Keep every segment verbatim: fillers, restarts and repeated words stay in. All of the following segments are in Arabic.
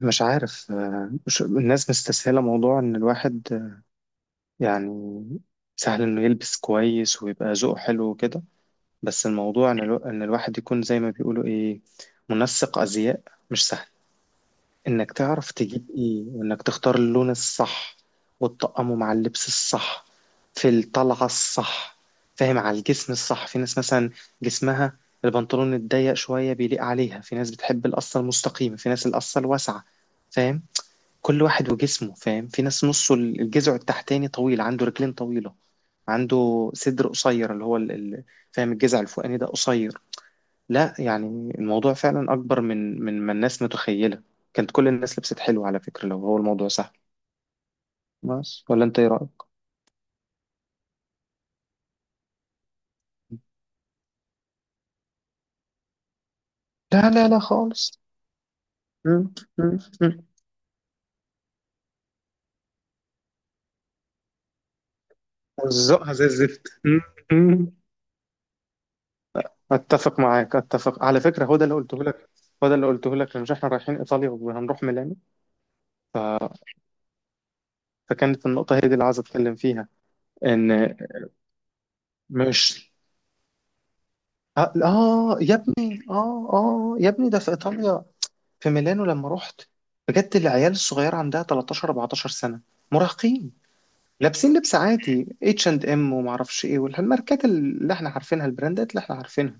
مش عارف آه، مش- الناس مستسهلة موضوع إن الواحد آه، يعني سهل إنه يلبس كويس ويبقى ذوقه حلو وكده. بس الموضوع إن الو... إن الواحد يكون زي ما بيقولوا إيه، منسق أزياء، مش سهل. إنك تعرف تجيب إيه، وإنك تختار اللون الصح وتطقمه مع اللبس الصح في الطلعة الصح، فاهم؟ على الجسم الصح، في ناس مثلا جسمها البنطلون الضيق شوية بيليق عليها، في ناس بتحب القصة المستقيمة، في ناس القصة الواسعة، فاهم؟ كل واحد وجسمه، فاهم؟ في ناس نصه الجذع التحتاني طويل، عنده رجلين طويلة، عنده صدر قصير اللي هو ال- ال- فاهم، الجذع الفوقاني ده قصير. لا يعني الموضوع فعلا أكبر من من ما الناس متخيلة. كانت كل الناس لبست حلو على فكرة لو هو الموضوع سهل. بس ولا، أنت إيه رأيك؟ لا، لا، لا خالص. مم، مم، مم. وزقها زي الزفت. مم، مم. اتفق معاك، اتفق على فكره، هو ده اللي قلته لك، هو ده اللي قلته لك. مش احنا رايحين ايطاليا وهنروح ميلانو، فكانت النقطة هي دي اللي عايز أتكلم فيها. إن، مش، آه, آه يا ابني، آه آه يا ابني، ده في إيطاليا، في ميلانو لما رحت بجد، العيال الصغيرة عندها تلتاشر اربعتاشر سنة، مراهقين. لابسين لبس عادي، اتش اند ام، ومعرفش ايه، والماركات اللي احنا عارفينها، البراندات اللي احنا عارفينها،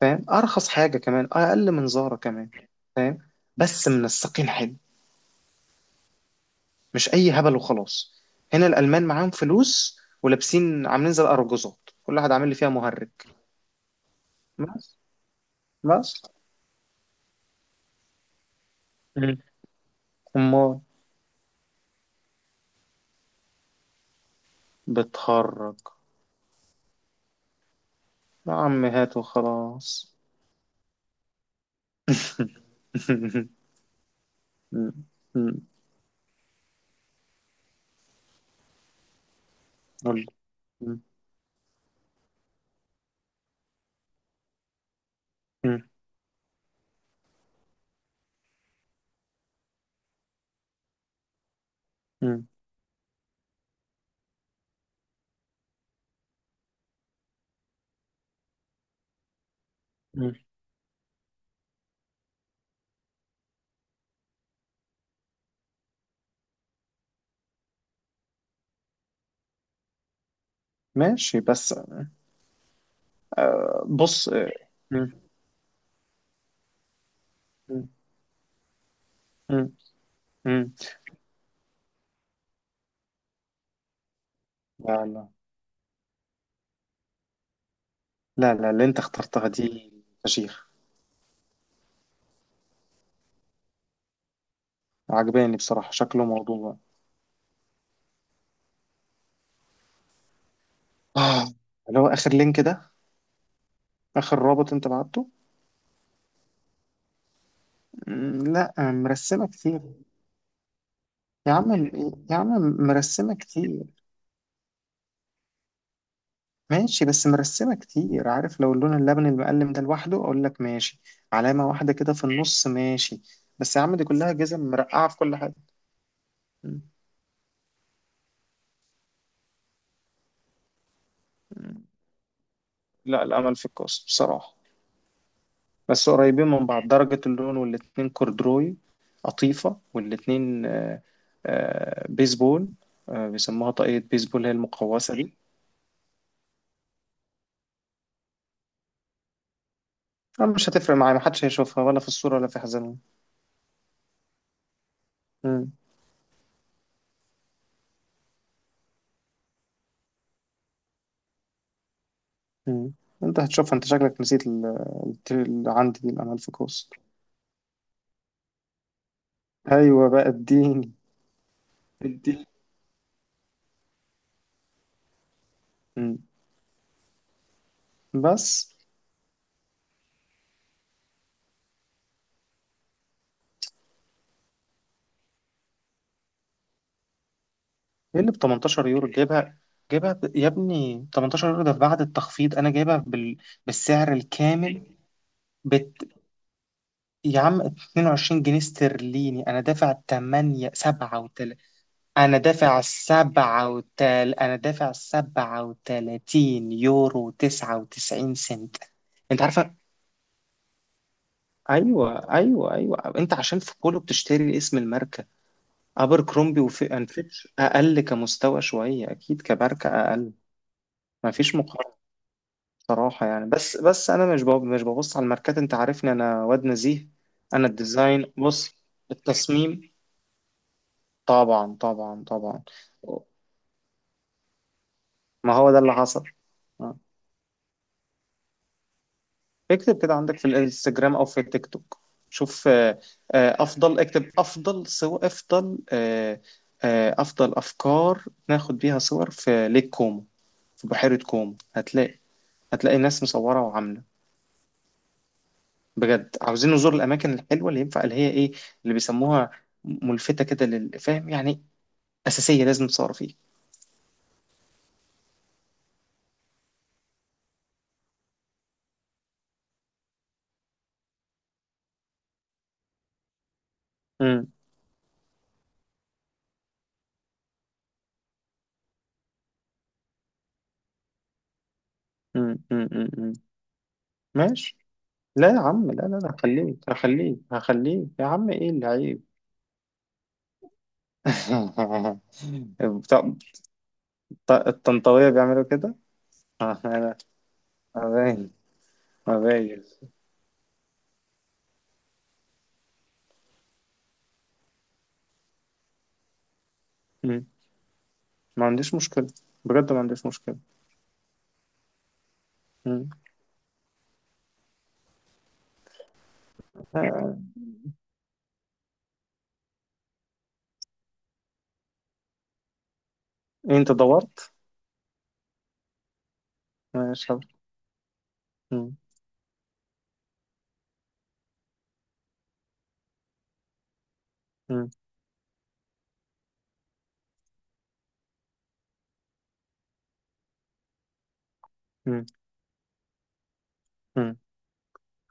فاهم. ارخص حاجة كمان، اقل من زارا كمان، فاهم. بس منسقين حلو، مش اي هبل وخلاص. هنا الالمان معاهم فلوس ولابسين عاملين زي الارجوزات، كل واحد عامل لي فيها مهرج. بس بس. مم. أمال بتخرج؟ يا عم هات وخلاص. م- م- قول. مم. مم. مم. مم. ماشي. بس بص. مم. مم. مم. مم. لا، لا، لا، لا، اللي انت اخترتها دي فشيخ. عجباني بصراحة، شكله موضوع. آه. اللي هو آخر لينك ده، آخر رابط انت بعته. م، لا، مرسمة كتير. يا عم، يا عم، مرسمة كتير. ماشي، بس مرسمة كتير. عارف لو اللون اللبن المقلم ده لوحده أقول لك ماشي، علامة واحدة كده في النص ماشي، بس يا عم دي كلها جزم مرقعة في كل حاجة. م- م- لا، الأمل في الكوس بصراحة، بس قريبين من بعض درجة اللون، والاتنين كوردروي، قطيفة، والاتنين آه، آه، بيسبول، آه، بيسموها طاقية بيسبول، هي المقوسة دي. أنا مش هتفرق معايا، محدش هيشوفها، ولا في الصورة ولا في حزامهم. م- م. انت هتشوفها، انت شكلك نسيت ال- الت- اللي عندي دي الأمل في الكوس. ايوه بقى، اديني، اديني. مم. بس ايه اللي ب تمنتاشر يورو؟ جايبها، جايبها ب- يا ابني، ثمانية عشر يورو ده بعد التخفيض، انا جايبها بال... بالسعر الكامل. بت... يا عم، اتنين وعشرين جنيه استرليني، انا دافع ثمانية سبعة وثلاثين، انا دافع سبعة وثلاثين، انا دافع سبعة وتلاتين يورو تسعة وتسعين سنت. انت عارفه. ايوه، ايوه، ايوه، انت عشان في بولو بتشتري اسم الماركه. أبركرومبي وفي أند فيتش أقل كمستوى شوية، أكيد كماركة أقل. مفيش مقارنة بصراحة يعني. بس بس أنا مش بب- مش ببص على الماركات، أنت عارفني، أنا واد نزيه. أنا الديزاين، بص، التصميم. طبعا، طبعا، طبعا. ما هو ده اللي حصل. آه. اكتب كده عندك في الانستجرام أو في التيك توك، شوف آه، آه، أفضل. اكتب أفضل صور، أفضل آه، آه، أفضل أفكار ناخد بيها صور في ليك كومو، في بحيرة كومو. هتلاقي، هتلاقي ناس مصورة وعاملة، بجد عاوزين نزور الأماكن الحلوة اللي ينفع، اللي هي إيه، اللي بيسموها ملفتة كده، للفهم يعني، أساسية، لازم تصور فيه. مم. مم. مم. مم. مم. ماشي. لا يا عم، لا، لا، لا، هخليك، هخليك، هخليك، يا عم، إيه اللي عيب. بتاع- بتاع الطنطاوية بيعملوا كده. آه، لا، ما باين، ما باين. مم. ما عنديش مشكلة، بجد ما عنديش مشكلة. مم. آه، إيه، أنت دورت؟ ماشي يلا. مم. مم. مم.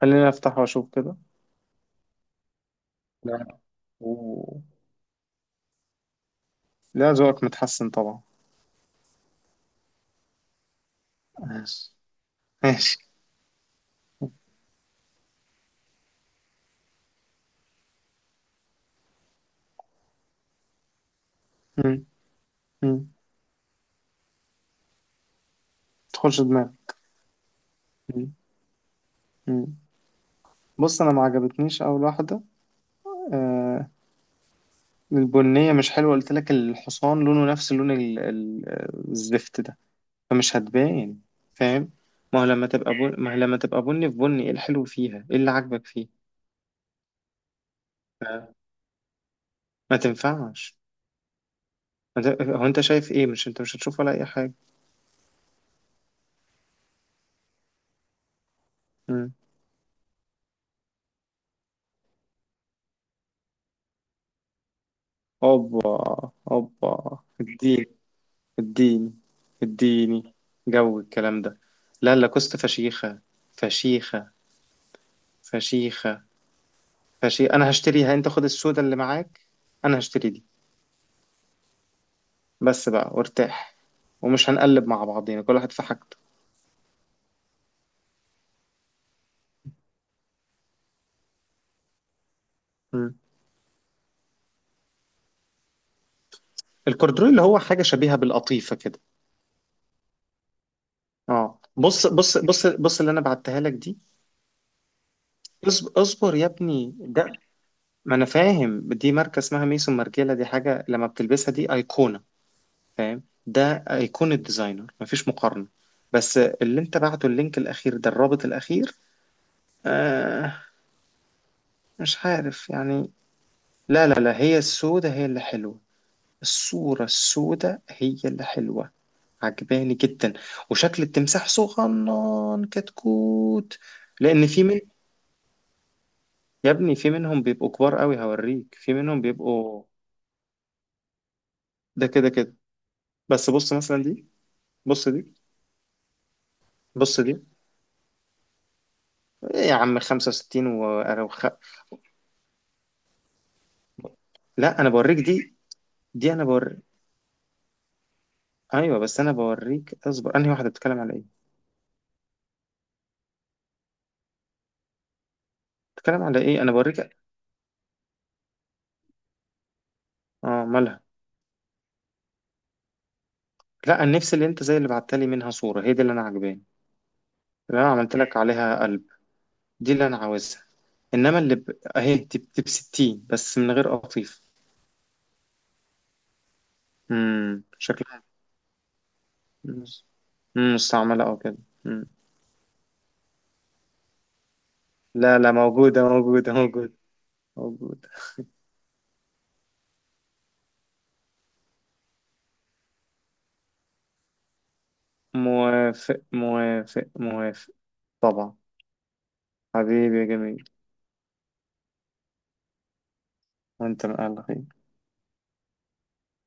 خليني افتح واشوف كده. لا، و... لا، ذوقك متحسن طبعا. ماشي. ماشي. مم. مم. تدخلش دماغي. مم. مم. بص، انا ما عجبتنيش اول واحده. آه. البنيه مش حلوه، قلت لك، الحصان لونه نفس لون ال... ال... الزفت ده، فمش هتبان، فاهم. ما هو لما تبقى بن... ما هو لما تبقى بني في بني، ايه الحلو فيها، ايه اللي عاجبك فيه. آه. ما تنفعش. ما ت... هو انت شايف ايه، مش انت مش هتشوف ولا اي حاجه. مم. اوبا، اوبا، اديني، اديني، اديني، جو الكلام ده. لا، لاكوست فشيخة، فشيخة، فشيخة، فشيخة، انا هشتريها. انت خد السودا اللي معاك، انا هشتري دي. بس بقى وارتاح، ومش هنقلب مع بعضينا، كل واحد في حاجته. مم. الكوردروي اللي هو حاجة شبيهة بالقطيفة كده. اه، بص، بص، بص، بص، اللي انا بعتها لك دي. اصبر، اصبر يا ابني، ده ما انا فاهم، دي ماركة اسمها ميسون مارجيلا، دي حاجة لما بتلبسها دي ايقونة، فاهم. ده هيكون الديزاينر، مفيش مقارنة. بس اللي انت بعته، اللينك الاخير ده، الرابط الاخير، آه، مش عارف يعني. لا، لا، لا، هي السودة هي اللي حلوة، الصورة السودة هي اللي حلوة. عجباني جدا، وشكل التمساح صغنن كتكوت. لان في من يا ابني في منهم بيبقوا كبار قوي هوريك، في منهم بيبقوا ده كده كده. بس بص مثلا دي، بص دي، بص دي، إيه يا عم، خمسة وستين و... أنا وخ- لا، انا بوريك دي، دي انا بوري. ايوه بس انا بوريك، اصبر، انهي واحده بتتكلم على ايه، بتتكلم على ايه، انا بوريك. اه، مالها؟ لا، انا نفسي اللي انت زي اللي بعتلي منها صوره، هي دي اللي انا عجباني، اللي انا عملت لك عليها قلب، دي اللي انا عاوزها. انما اللي ب... اهي دي ب، دي بستين بس من غير قطيف. امم شكلها، امم مستعمله او كده. مم. لا، لا، موجوده، موجوده، موجوده، موجوده. موافق، موافق، موافق. طبعا. حبيبي يا جميل. وانت من اهل الخير.